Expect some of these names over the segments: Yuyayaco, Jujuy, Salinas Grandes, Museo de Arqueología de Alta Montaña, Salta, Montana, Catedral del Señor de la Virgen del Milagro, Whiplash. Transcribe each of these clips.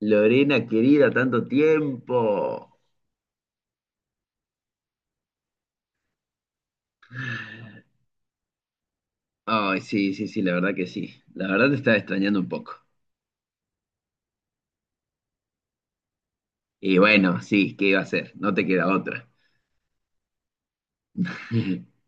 Lorena querida, tanto tiempo. Ay, sí, sí, sí, la verdad que sí. La verdad te estaba extrañando un poco. Y bueno, sí, ¿qué iba a hacer? No te queda otra.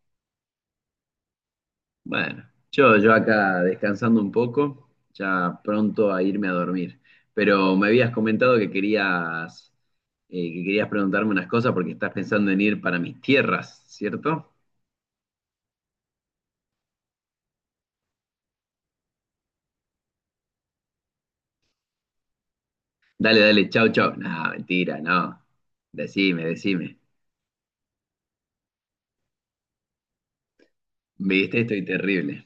Bueno, yo acá descansando un poco, ya pronto a irme a dormir. Pero me habías comentado que querías preguntarme unas cosas porque estás pensando en ir para mis tierras, ¿cierto? Dale, dale, chau, chau. No, mentira, no. Decime, decime. Viste, estoy terrible.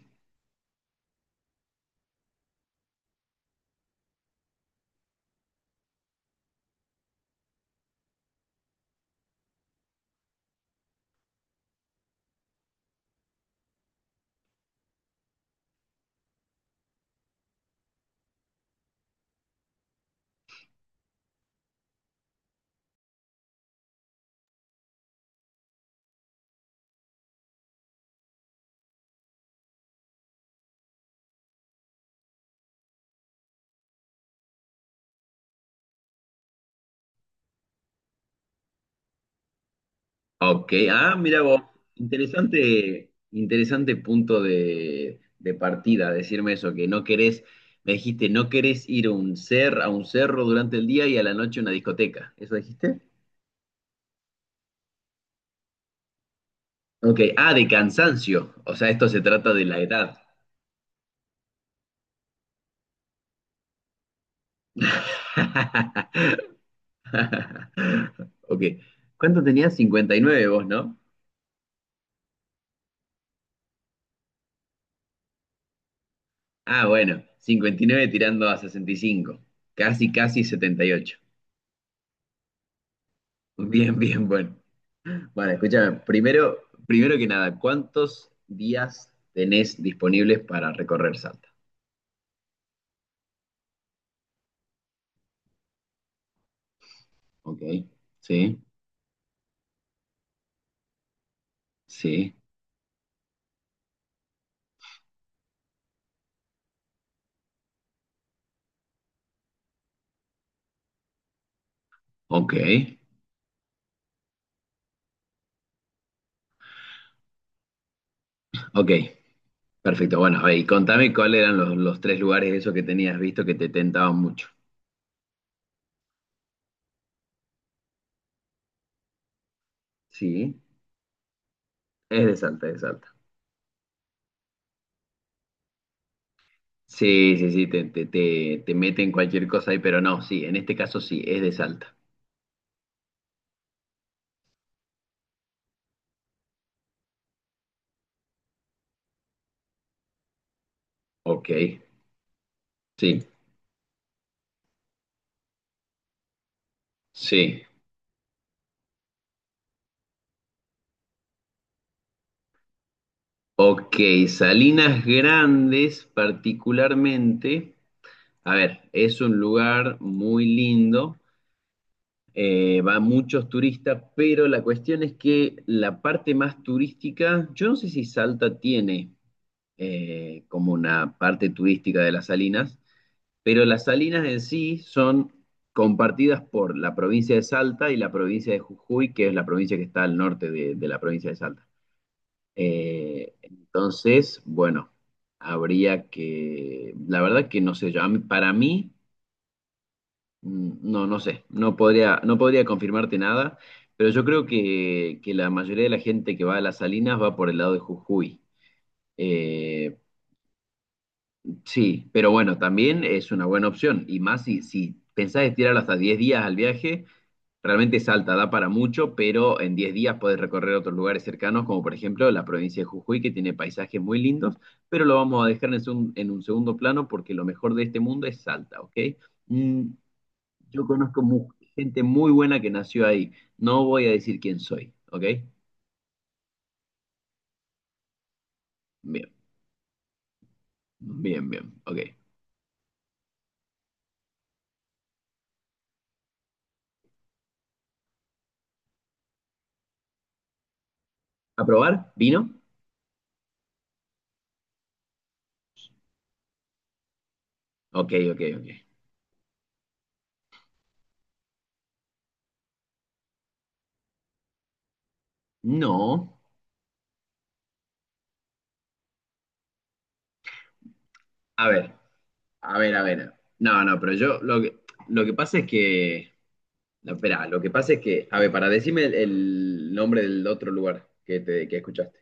Ok, mira vos, interesante, interesante punto de partida, decirme eso, que no querés, me dijiste, no querés ir a un a un cerro durante el día y a la noche a una discoteca, ¿eso dijiste? Ok, de cansancio, o sea, esto se trata de la edad. Ok, ¿cuánto tenías? 59 vos, ¿no? Ah, bueno, 59 tirando a 65, casi, casi 78. Bien, bien, bueno. Bueno, escúchame, primero, primero que nada, ¿cuántos días tenés disponibles para recorrer Salta? Ok, sí, sí, ok, ok, perfecto. Bueno, a ver, y contame cuáles eran los tres lugares esos que tenías visto que te tentaban mucho. Sí, es de Salta, es de Salta. Sí, sí, sí, te meten cualquier cosa ahí, pero no, sí, en este caso sí, es de Salta. Ok, sí, sí. Ok, Salinas Grandes particularmente. A ver, es un lugar muy lindo, va muchos turistas, pero la cuestión es que la parte más turística, yo no sé si Salta tiene, como una parte turística de las salinas, pero las salinas en sí son compartidas por la provincia de Salta y la provincia de Jujuy, que es la provincia que está al norte de la provincia de Salta. Entonces, bueno, habría que, la verdad que no sé yo, para mí. No, no sé, no podría, no podría confirmarte nada, pero yo creo que la mayoría de la gente que va a las Salinas va por el lado de Jujuy. Eh, sí, pero bueno, también es una buena opción, y más si, si pensás estirar hasta 10 días al viaje, realmente Salta da para mucho, pero en 10 días podés recorrer otros lugares cercanos, como por ejemplo la provincia de Jujuy, que tiene paisajes muy lindos, pero lo vamos a dejar en, en un segundo plano porque lo mejor de este mundo es Salta, ¿ok? Mm, yo conozco gente muy buena que nació ahí. No voy a decir quién soy, ¿ok? Bien, bien, bien, ok. ¿Aprobar? ¿Vino? Ok, ok, ok. No. A ver, a ver, a ver. No, no, pero yo lo que pasa es que, no, espera, lo que pasa es que, a ver, para decirme el nombre del otro lugar que escuchaste.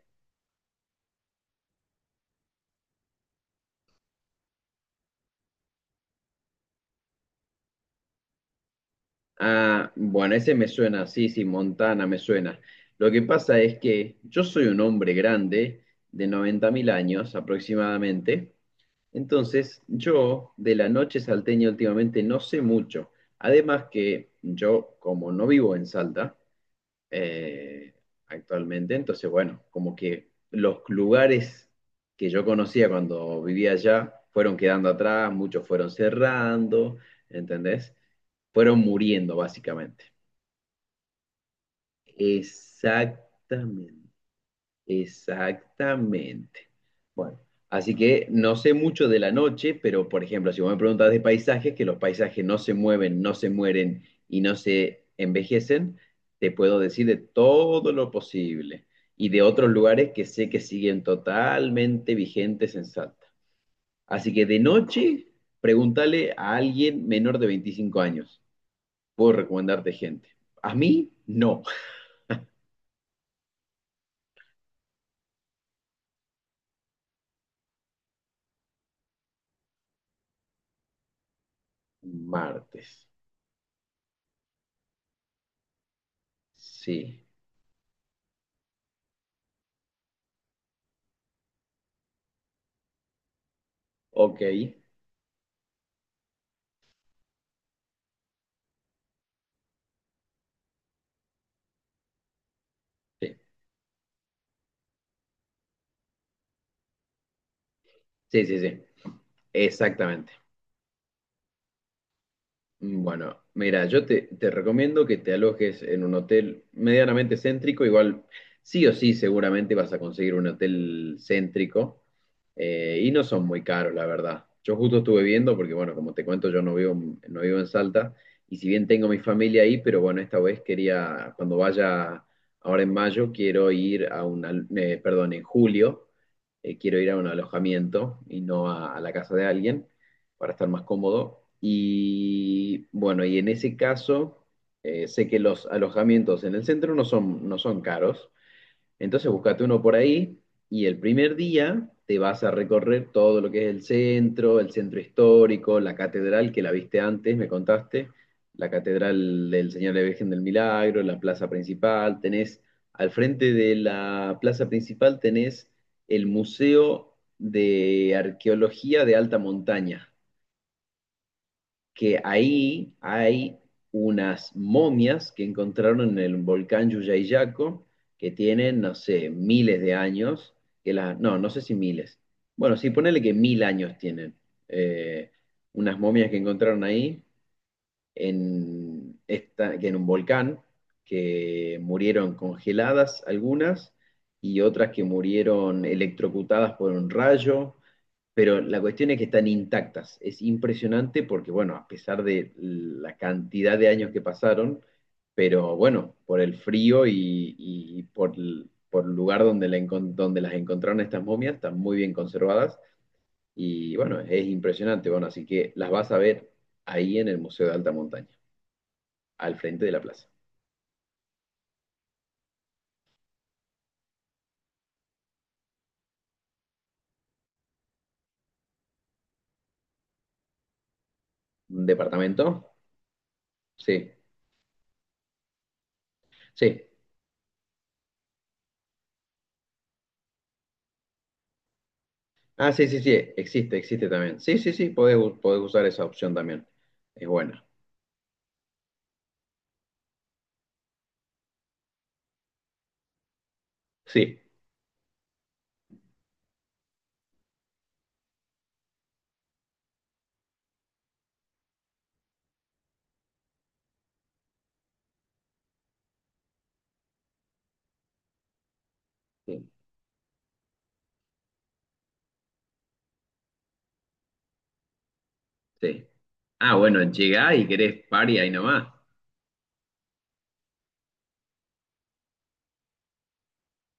Ah, bueno, ese me suena, sí, sí, Montana me suena. Lo que pasa es que yo soy un hombre grande, de 90.000 años aproximadamente, entonces yo de la noche salteña últimamente no sé mucho. Además que yo, como no vivo en Salta, eh, actualmente. Entonces, bueno, como que los lugares que yo conocía cuando vivía allá fueron quedando atrás, muchos fueron cerrando, ¿entendés? Fueron muriendo, básicamente. Exactamente. Exactamente. Bueno, así que no sé mucho de la noche, pero por ejemplo, si vos me preguntas de paisajes, que los paisajes no se mueven, no se mueren y no se envejecen, te puedo decir de todo lo posible y de otros lugares que sé que siguen totalmente vigentes en Salta. Así que de noche, pregúntale a alguien menor de 25 años. Puedo recomendarte gente. A mí, no. Martes. Sí. Ok. Sí. Sí, sí, sí, exactamente. Bueno, mira, yo te recomiendo que te alojes en un hotel medianamente céntrico, igual sí o sí seguramente vas a conseguir un hotel céntrico, y no son muy caros, la verdad. Yo justo estuve viendo, porque bueno, como te cuento, yo no vivo en Salta y si bien tengo mi familia ahí, pero bueno, esta vez quería, cuando vaya ahora en mayo, quiero ir a un, perdón, en julio, quiero ir a un alojamiento y no a la casa de alguien para estar más cómodo. Y bueno, y en ese caso, sé que los alojamientos en el centro no son caros. Entonces, búscate uno por ahí y el primer día te vas a recorrer todo lo que es el centro histórico, la catedral que la viste antes, me contaste, la catedral del Señor de la Virgen del Milagro, la plaza principal, tenés, al frente de la plaza principal tenés el Museo de Arqueología de Alta Montaña, que ahí hay unas momias que encontraron en el volcán Yuyayaco, que tienen, no sé, miles de años, que las, no, no sé si miles. Bueno, sí, ponele que 1.000 años tienen. eh, unas momias que encontraron ahí, en un volcán, que murieron congeladas algunas y otras que murieron electrocutadas por un rayo, pero la cuestión es que están intactas. Es impresionante porque, bueno, a pesar de la cantidad de años que pasaron, pero bueno, por el frío y por, por el lugar donde, donde las encontraron estas momias, están muy bien conservadas y bueno, es impresionante. Bueno, así que las vas a ver ahí en el Museo de Alta Montaña, al frente de la plaza. ¿Un departamento? Sí, sí. Ah, sí, sí, sí, existe, existe también. Sí, sí, sí, podés usar esa opción también. Es buena. Sí. Sí. Sí. Ah, bueno, llegá y querés party ahí nomás.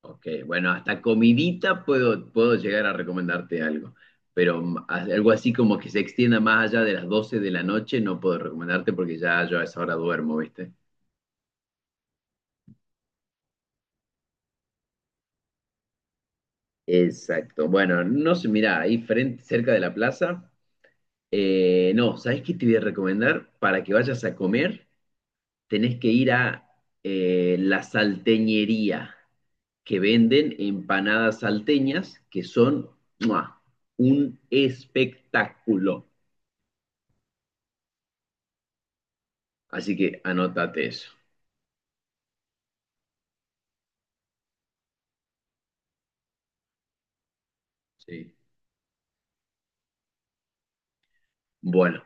Ok, bueno, hasta comidita puedo llegar a recomendarte algo, pero algo así como que se extienda más allá de las 12 de la noche no puedo recomendarte porque ya yo a esa hora duermo, ¿viste? Exacto. Bueno, no sé, mirá, ahí frente, cerca de la plaza. No, ¿sabes qué te voy a recomendar para que vayas a comer? Tenés que ir a, la salteñería, que venden empanadas salteñas que son ¡mua! Un espectáculo. Así que anótate eso. Sí. Bueno,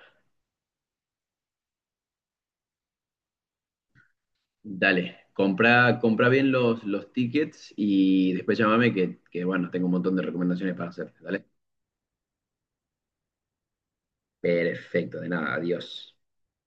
dale. Compra, compra bien los tickets y después llámame bueno, tengo un montón de recomendaciones para hacerte, ¿dale? Perfecto, de nada, adiós.